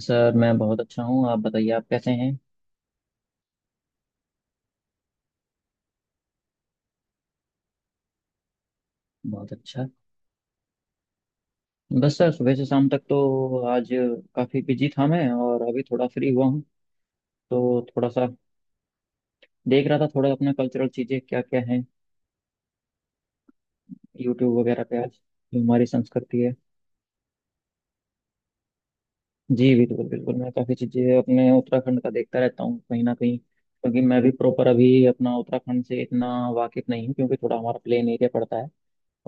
Sir मैं बहुत अच्छा हूँ। आप बताइए आप कैसे हैं। बहुत अच्छा। बस सर सुबह से शाम तक तो आज काफ़ी बिजी था मैं और अभी थोड़ा फ्री हुआ हूँ। तो थोड़ा सा देख रहा था थोड़ा अपना कल्चरल चीज़ें क्या क्या हैं यूट्यूब वगैरह पे आज। जो हमारी संस्कृति है। जी बिल्कुल बिल्कुल, मैं काफ़ी चीज़ें अपने उत्तराखंड का देखता रहता हूँ कहीं ना कहीं, क्योंकि मैं भी प्रॉपर अभी अपना उत्तराखंड से इतना वाकिफ नहीं हूँ क्योंकि थोड़ा हमारा प्लेन एरिया पड़ता है।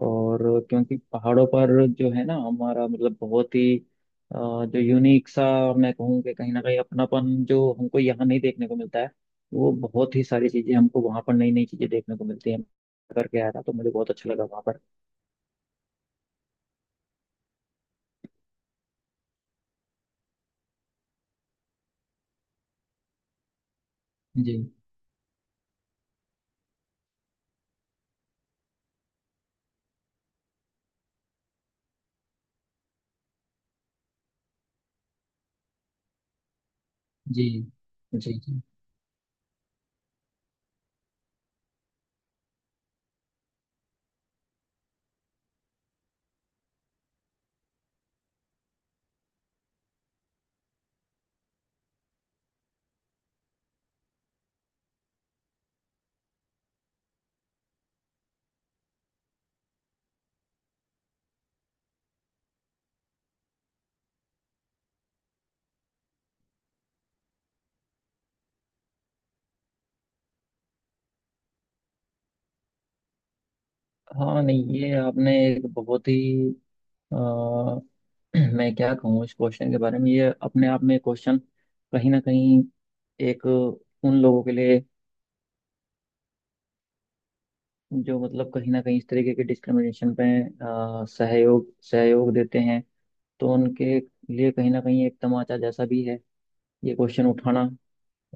और क्योंकि पहाड़ों पर जो है ना हमारा मतलब बहुत ही अ, जो यूनिक सा मैं कहूँ कि कहीं ना कहीं अपनापन जो हमको यहाँ नहीं देखने को मिलता है, वो बहुत ही सारी चीजें हमको वहाँ पर नई नई चीजें देखने को मिलती हैं। करके आया था तो मुझे बहुत अच्छा लगा वहाँ पर। जी जी। जी जी। हाँ नहीं, ये आपने एक बहुत ही अ, मैं क्या कहूँ इस क्वेश्चन के बारे में, ये अपने आप में क्वेश्चन कहीं ना कहीं एक उन लोगों के लिए जो मतलब कहीं ना कहीं इस तरीके के डिस्क्रिमिनेशन पे सहयोग सहयोग देते हैं, तो उनके लिए कहीं ना कहीं एक तमाचा जैसा भी है ये क्वेश्चन उठाना।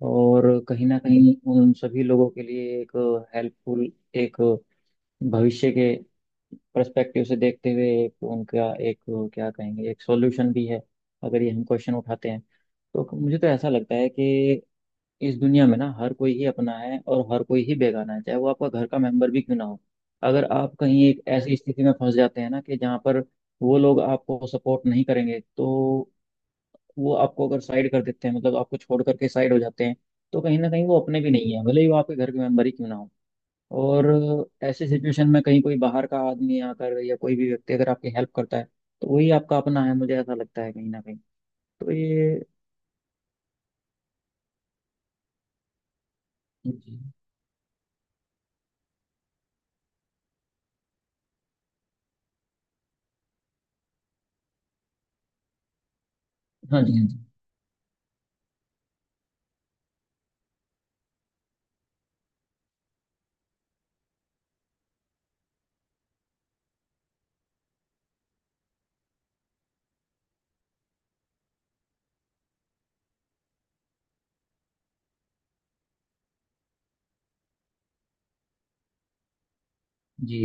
और कहीं ना कहीं उन सभी लोगों के लिए एक हेल्पफुल एक भविष्य के पर्सपेक्टिव से देखते हुए एक उनका एक क्या कहेंगे एक सॉल्यूशन भी है अगर ये हम क्वेश्चन उठाते हैं। तो मुझे तो ऐसा लगता है कि इस दुनिया में ना हर कोई ही अपना है और हर कोई ही बेगाना है चाहे वो आपका घर का मेंबर भी क्यों ना हो। अगर आप कहीं एक ऐसी स्थिति में फंस जाते हैं ना कि जहाँ पर वो लोग आपको सपोर्ट नहीं करेंगे तो वो आपको अगर साइड कर देते हैं, मतलब आपको छोड़ करके साइड हो जाते हैं, तो कहीं ना कहीं वो अपने भी नहीं है भले ही वो आपके घर के मेंबर ही क्यों ना हो। और ऐसी सिचुएशन में कहीं कोई बाहर का आदमी आकर या कोई भी व्यक्ति अगर आपकी हेल्प करता है तो वही आपका अपना है, मुझे ऐसा लगता है कहीं ना कहीं। तो ये। जी हाँ जी हाँ। जी जी।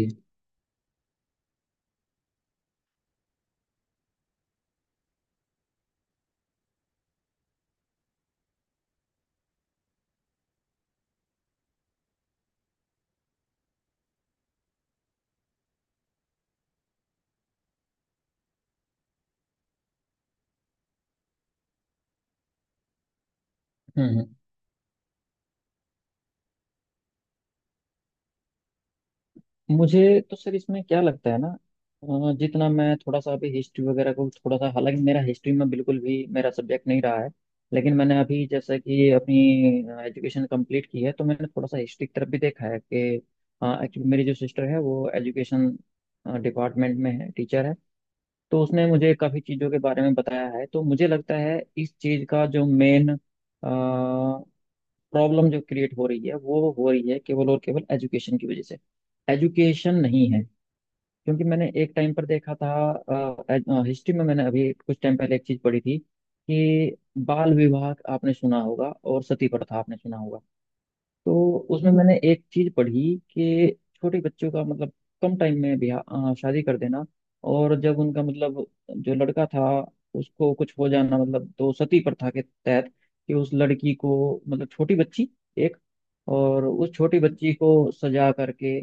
हम्म। मुझे तो सर इसमें क्या लगता है ना, जितना मैं थोड़ा सा अभी हिस्ट्री वगैरह को थोड़ा सा, हालांकि मेरा हिस्ट्री में बिल्कुल भी मेरा सब्जेक्ट नहीं रहा है, लेकिन मैंने अभी जैसा कि अपनी एजुकेशन कंप्लीट की है तो मैंने थोड़ा सा हिस्ट्री की तरफ भी देखा है कि एक्चुअली मेरी जो सिस्टर है वो एजुकेशन डिपार्टमेंट में है टीचर है, तो उसने मुझे काफ़ी चीज़ों के बारे में बताया है। तो मुझे लगता है इस चीज़ का जो मेन प्रॉब्लम जो क्रिएट हो रही है वो हो रही है केवल और केवल एजुकेशन की वजह से, एजुकेशन नहीं है। क्योंकि मैंने एक टाइम पर देखा था, हिस्ट्री में मैंने अभी कुछ टाइम पहले एक चीज पढ़ी थी कि बाल विवाह आपने सुना होगा और सती प्रथा आपने सुना होगा। तो उसमें मैंने एक चीज पढ़ी कि छोटे बच्चों का मतलब कम टाइम में ब्याह शादी कर देना। और जब उनका मतलब जो लड़का था उसको कुछ हो जाना मतलब तो सती प्रथा के तहत कि उस लड़की को मतलब छोटी बच्ची एक, और उस छोटी बच्ची को सजा करके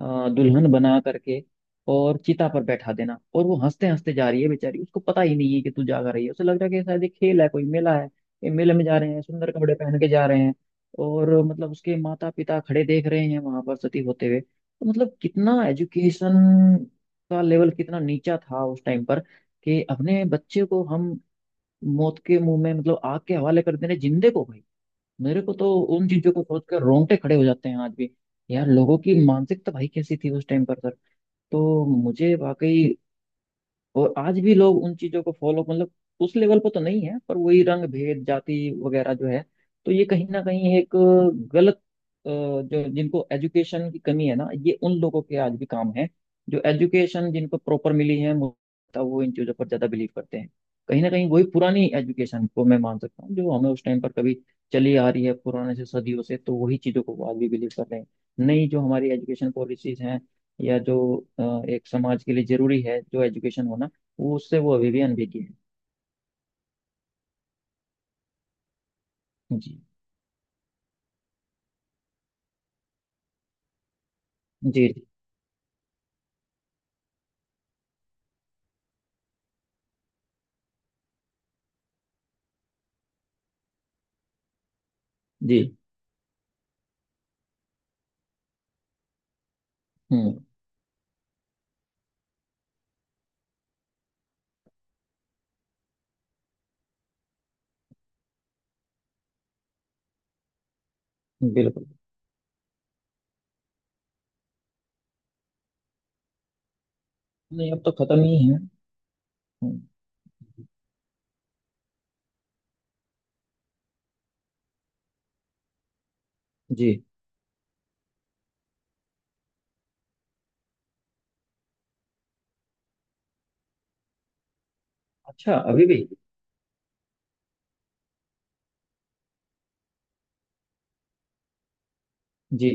दुल्हन बना करके और चिता पर बैठा देना, और वो हंसते हंसते जा रही है बेचारी, उसको पता ही नहीं है कि तू जागा रही है, उसे लग रहा है कि शायद ये खेल है कोई मेला है, ये मेले में जा रहे हैं सुंदर कपड़े पहन के जा रहे हैं। और मतलब उसके माता पिता खड़े देख रहे हैं वहां पर सती होते हुए, तो मतलब कितना एजुकेशन का लेवल कितना नीचा था उस टाइम पर कि अपने बच्चे को हम मौत के मुंह में मतलब आग के हवाले कर दे रहे हैं, जिंदे को भाई। मेरे को तो उन चीजों को सोच कर रोंगटे खड़े हो जाते हैं आज भी। यार लोगों की मानसिकता भाई कैसी थी उस टाइम पर सर, तो मुझे वाकई। और आज भी लोग उन चीजों को फॉलो मतलब उस लेवल पर तो नहीं है पर वही रंग भेद जाति वगैरह जो है, तो ये कहीं ना कहीं एक गलत जो जिनको एजुकेशन की कमी है ना, ये उन लोगों के आज भी काम है। जो एजुकेशन जिनको प्रॉपर मिली है मुझे लगता है वो इन चीजों पर ज्यादा बिलीव करते हैं। कहीं ना कहीं वही पुरानी एजुकेशन को मैं मान सकता हूँ, जो हमें उस टाइम पर कभी चली आ रही है पुराने से सदियों से तो वही चीजों को वो आज भी बिलीव कर रहे हैं। नई जो हमारी एजुकेशन पॉलिसीज हैं या जो एक समाज के लिए जरूरी है जो एजुकेशन होना, वो उससे वो अभी भी अनभिज्ञ है। जी जी। जी जी। हम्म। बिल्कुल। नहीं अब तो खत्म ही है। हम्म। जी। अच्छा, अभी भी। जी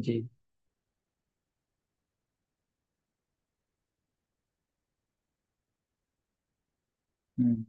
जी। हम्म।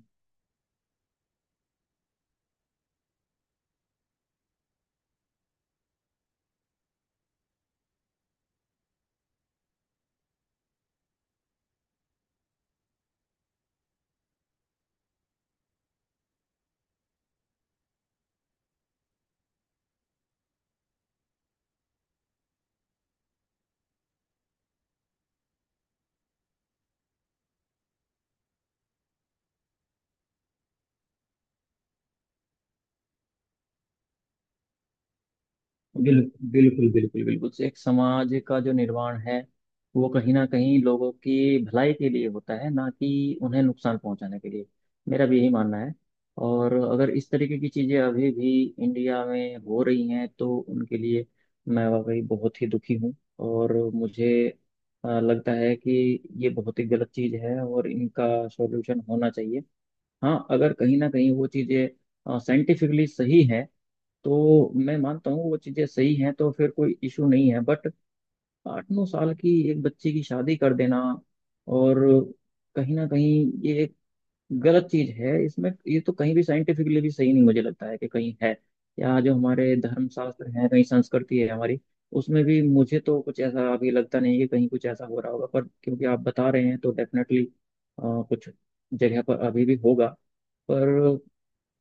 बिल, बिल्कुल बिल्कुल बिल्कुल, एक समाज का जो निर्माण है वो कहीं ना कहीं लोगों की भलाई के लिए होता है ना कि उन्हें नुकसान पहुंचाने के लिए, मेरा भी यही मानना है। और अगर इस तरीके की चीजें अभी भी इंडिया में हो रही हैं तो उनके लिए मैं वाकई बहुत ही दुखी हूँ, और मुझे लगता है कि ये बहुत ही गलत चीज है और इनका सॉल्यूशन होना चाहिए। हाँ अगर कहीं ना कहीं वो चीज़ें साइंटिफिकली सही है तो मैं मानता हूँ वो चीज़ें सही हैं तो फिर कोई इशू नहीं है, बट 8-9 साल की एक बच्ची की शादी कर देना और कहीं ना कहीं ये एक गलत चीज है। इसमें ये तो कहीं भी साइंटिफिकली भी सही नहीं, मुझे लगता है कि कहीं है या जो हमारे धर्मशास्त्र है कहीं संस्कृति है हमारी, उसमें भी मुझे तो कुछ ऐसा अभी लगता नहीं है कि कहीं कुछ ऐसा हो रहा होगा, पर क्योंकि आप बता रहे हैं तो डेफिनेटली कुछ जगह पर अभी भी होगा। पर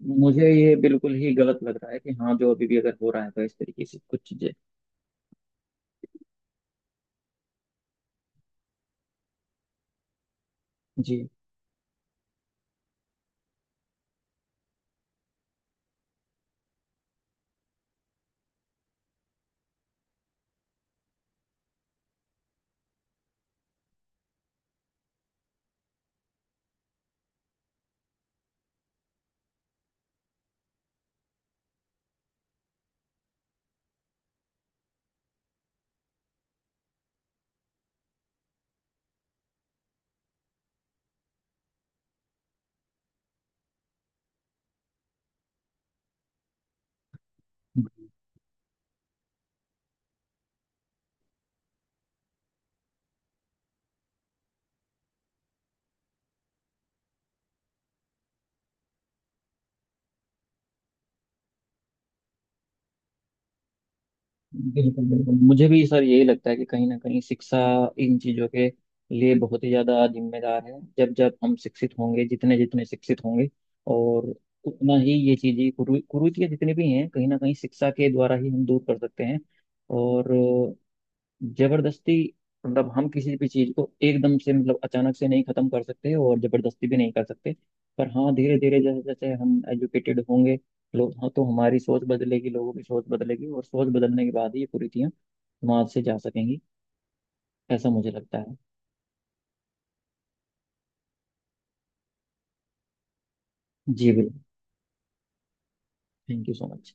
मुझे ये बिल्कुल ही गलत लग रहा है कि हाँ जो अभी भी अगर हो रहा है तो इस तरीके से कुछ चीजें। जी बिल्कुल बिल्कुल, मुझे भी सर यही लगता है कि कहीं ना कहीं शिक्षा इन चीज़ों के लिए बहुत ही ज़्यादा जिम्मेदार है, जब जब हम शिक्षित होंगे जितने जितने शिक्षित होंगे और उतना ही ये चीज़ें कुरीतियाँ जितनी भी हैं कहीं ना कहीं शिक्षा के द्वारा ही हम दूर कर सकते हैं। और जबरदस्ती मतलब हम किसी भी चीज को एकदम से मतलब अचानक से नहीं खत्म कर सकते और जबरदस्ती भी नहीं कर सकते। पर हाँ धीरे धीरे जैसे जैसे हम एजुकेटेड होंगे लोग हाँ, तो हमारी सोच बदलेगी लोगों की सोच बदलेगी और सोच बदलने के बाद ही ये कुरीतियाँ समाज से जा सकेंगी। ऐसा मुझे लगता है। जी बिल्कुल। Thank you so much.